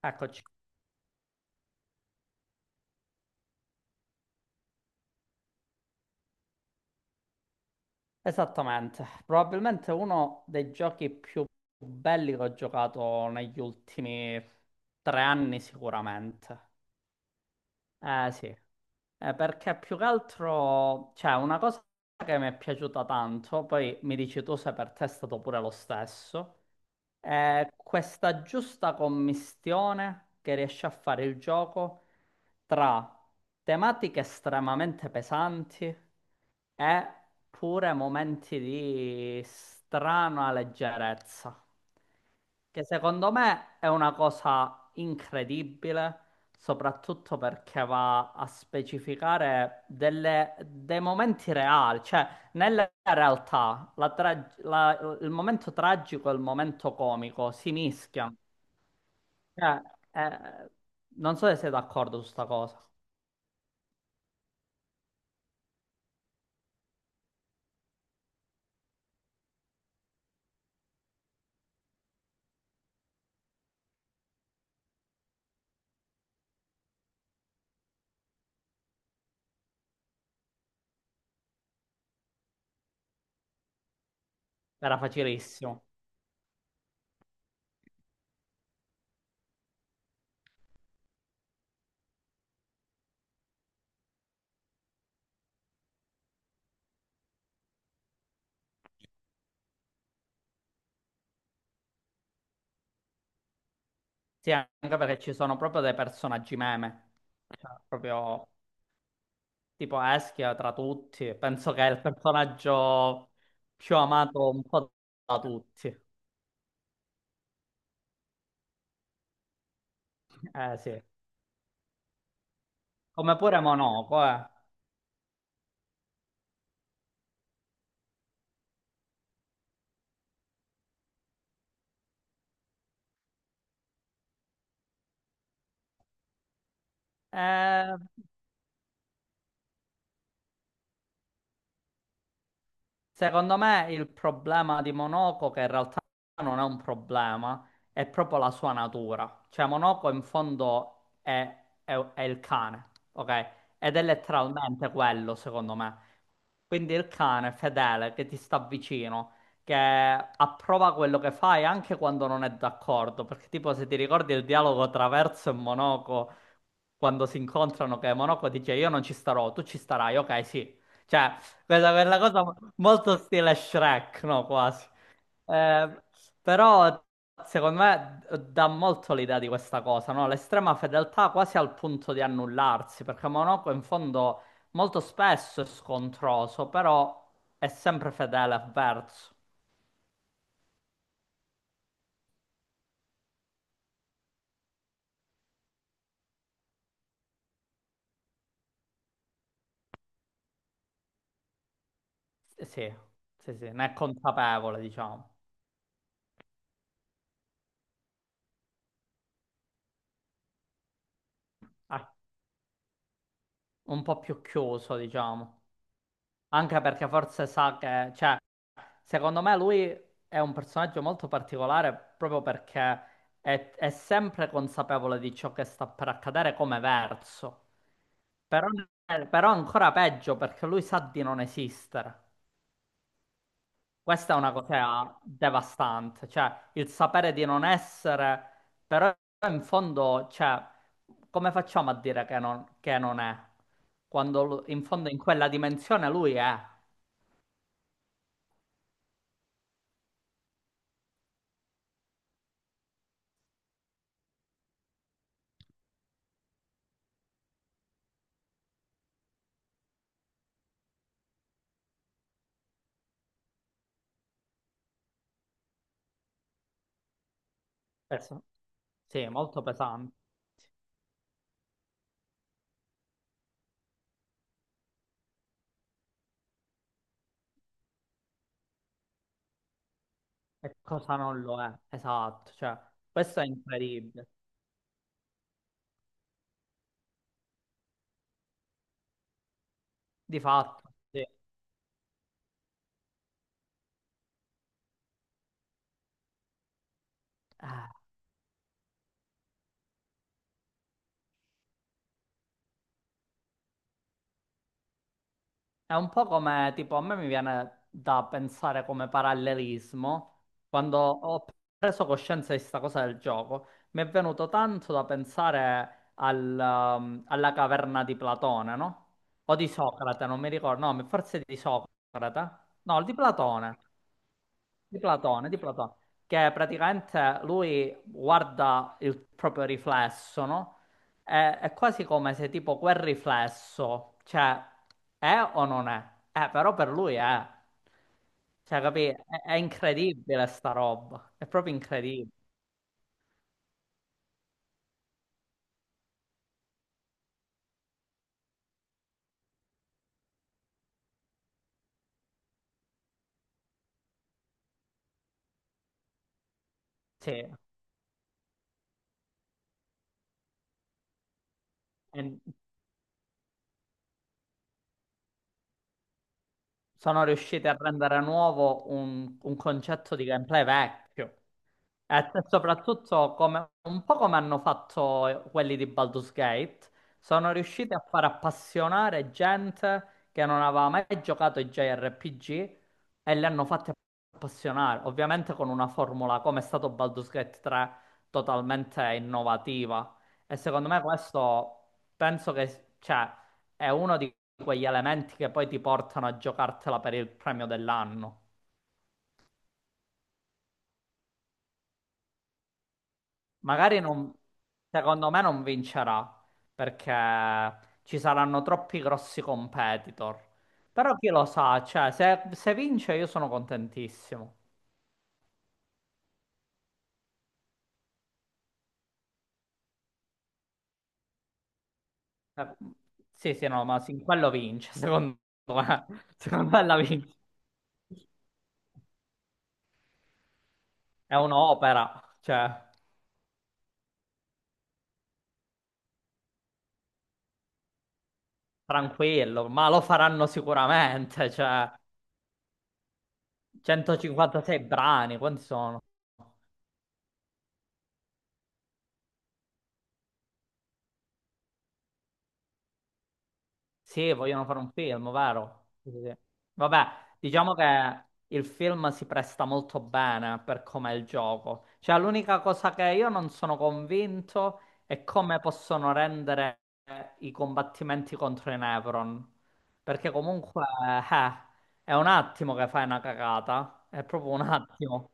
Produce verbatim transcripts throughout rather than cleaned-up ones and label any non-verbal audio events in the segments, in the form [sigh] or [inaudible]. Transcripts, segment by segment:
Eccoci, esattamente. Probabilmente uno dei giochi più belli che ho giocato negli ultimi tre anni sicuramente. Eh sì. Eh, perché più che altro, cioè, una cosa che mi è piaciuta tanto, poi mi dici tu se per te è stato pure lo stesso, è questa giusta commistione che riesce a fare il gioco tra tematiche estremamente pesanti e pure momenti di strana leggerezza, che secondo me è una cosa incredibile, soprattutto perché va a specificare delle- dei momenti reali, cioè nella realtà la tra- la- il momento tragico e il momento comico si mischiano. Cioè, eh, non so se sei d'accordo su sta cosa. Era facilissimo. Sì, anche perché ci sono proprio dei personaggi meme. Cioè, proprio tipo Eschia tra tutti, penso che è il personaggio più amato un po' da tutti. Eh sì. Come pure Monaco, eh. Eh, Secondo me il problema di Monoco, che in realtà non è un problema, è proprio la sua natura. Cioè Monoco in fondo è, è- è il cane, ok? Ed è letteralmente quello, secondo me. Quindi il cane fedele che ti sta vicino, che approva quello che fai anche quando non è d'accordo. Perché tipo se ti ricordi il dialogo tra Verso e Monoco, quando si incontrano, che Monoco dice io non ci starò, tu ci starai, ok, sì. Cioè, questa per la cosa molto stile Shrek, no, quasi. Eh, Però secondo me dà molto l'idea di questa cosa, no? L'estrema fedeltà quasi al punto di annullarsi, perché Monaco in fondo molto spesso è scontroso, però è sempre fedele a verso. Sì, sì, sì, ne è consapevole, diciamo. Ah, un po' più chiuso, diciamo. Anche perché forse sa che, cioè, secondo me lui è un personaggio molto particolare, proprio perché è, è sempre consapevole di ciò che sta per accadere come verso. Però, però ancora peggio, perché lui sa di non esistere. Questa è una cosa devastante, cioè il sapere di non essere. Però in fondo, cioè, come facciamo a dire che non, che non è? Quando lu- in fondo, in quella dimensione, lui è. Pes- Sì, molto pesante. E cosa non lo è, esatto. Cioè, questo è incredibile, di fatto, sì. Eh, È un po' come, tipo, a me mi viene da pensare come parallelismo, quando ho preso coscienza di sta cosa del gioco, mi è venuto tanto da pensare al, um, alla caverna di Platone, no? O di Socrate, non mi ricordo, no, forse di Socrate, no, di Platone. Di Platone, di Platone, che praticamente lui guarda il proprio riflesso, no? E- È quasi come se, tipo, quel riflesso, cioè, è o non è? Eh, però per lui è. Cioè, capì? È, è incredibile sta roba, è proprio incredibile. Sì, è sono riusciti a rendere nuovo un, un concetto di gameplay vecchio. E se- soprattutto come- un po' come hanno fatto quelli di Baldur's Gate, sono riusciti a far appassionare gente che non aveva mai giocato ai J R P G, e li hanno fatti appassionare, ovviamente con una formula, come è stato Baldur's Gate tre, totalmente innovativa. E secondo me questo, penso che, cioè, è uno di quegli elementi che poi ti portano a giocartela per il premio dell'anno. Magari non, secondo me non vincerà, perché ci saranno troppi grossi competitor. Però chi lo sa, cioè, se, se vince io sono contentissimo. Eh, sì, sì, no, ma sì, quello vince, secondo me. [laughs] Secondo me la vince. È un'opera, cioè, tranquillo, ma lo faranno sicuramente, cioè, centocinquantasei brani, quanti sono? Sì, vogliono fare un film, vero? Sì, sì, sì. Vabbè, diciamo che il film si presta molto bene per com'è il gioco. Cioè, l'unica cosa che io non sono convinto è come possono rendere i combattimenti contro i Nevron. Perché comunque, eh, è un attimo che fai una cagata. È proprio un attimo.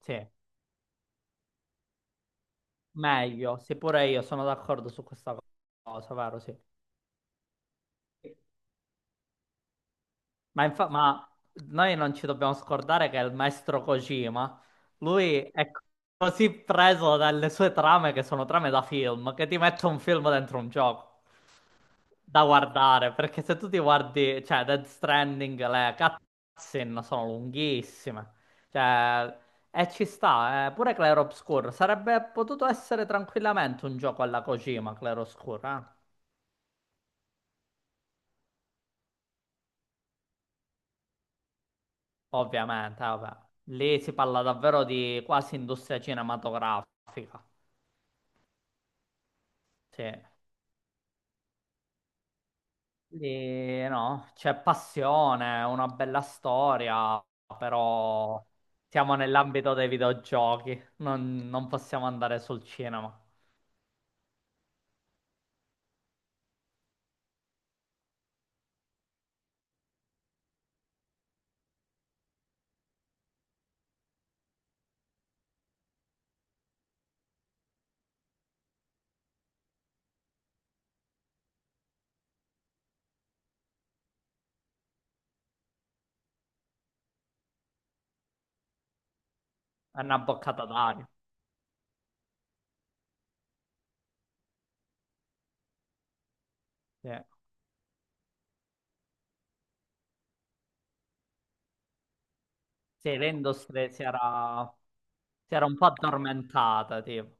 Sì, meglio. Sì, pure io sono d'accordo su questa cosa, vero? Sì. Ma, infa- ma noi non ci dobbiamo scordare che il maestro Kojima, lui è così preso dalle sue trame, che sono trame da film, che ti mette un film dentro un gioco da guardare, perché se tu ti guardi, cioè Dead Stranding, le cutscene sono lunghissime. Cioè, e ci sta, eh. Pure Clair Obscur sarebbe potuto essere tranquillamente un gioco alla Kojima, Clair Obscur, eh. Ovviamente, vabbè. Lì si parla davvero di quasi industria cinematografica. Sì. Lì, no, c'è passione, una bella storia, però siamo nell'ambito dei videogiochi, non, non possiamo andare sul cinema. È una boccata d'aria. Sì. Sì, l'industria si era, si era un po' addormentata, tipo.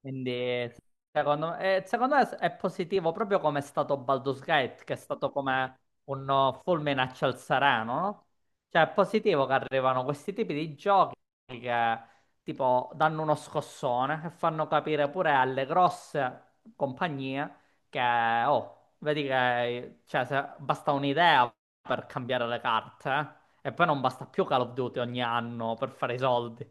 Quindi, secondo me, eh, secondo me è positivo, proprio come è stato Baldur's Gate, che è stato come un oh, fulmine a ciel sereno, no? Cioè, è positivo che arrivano questi tipi di giochi che, tipo, danno uno scossone e fanno capire pure alle grosse compagnie che, oh, vedi che, cioè, se- basta un'idea per cambiare le carte, eh. E poi non basta più Call of Duty ogni anno per fare i soldi.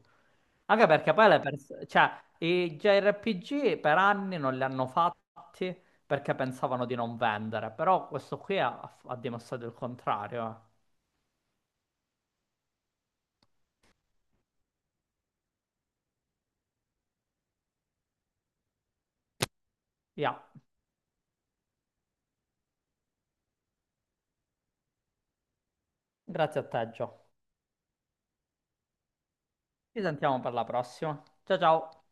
Anche perché poi le persone, cioè, i J R P G per anni non li hanno fatti perché pensavano di non vendere, però questo qui ha, ha dimostrato il contrario, eh. Via, grazie a te, Gio. Ci sentiamo per la prossima. Ciao ciao.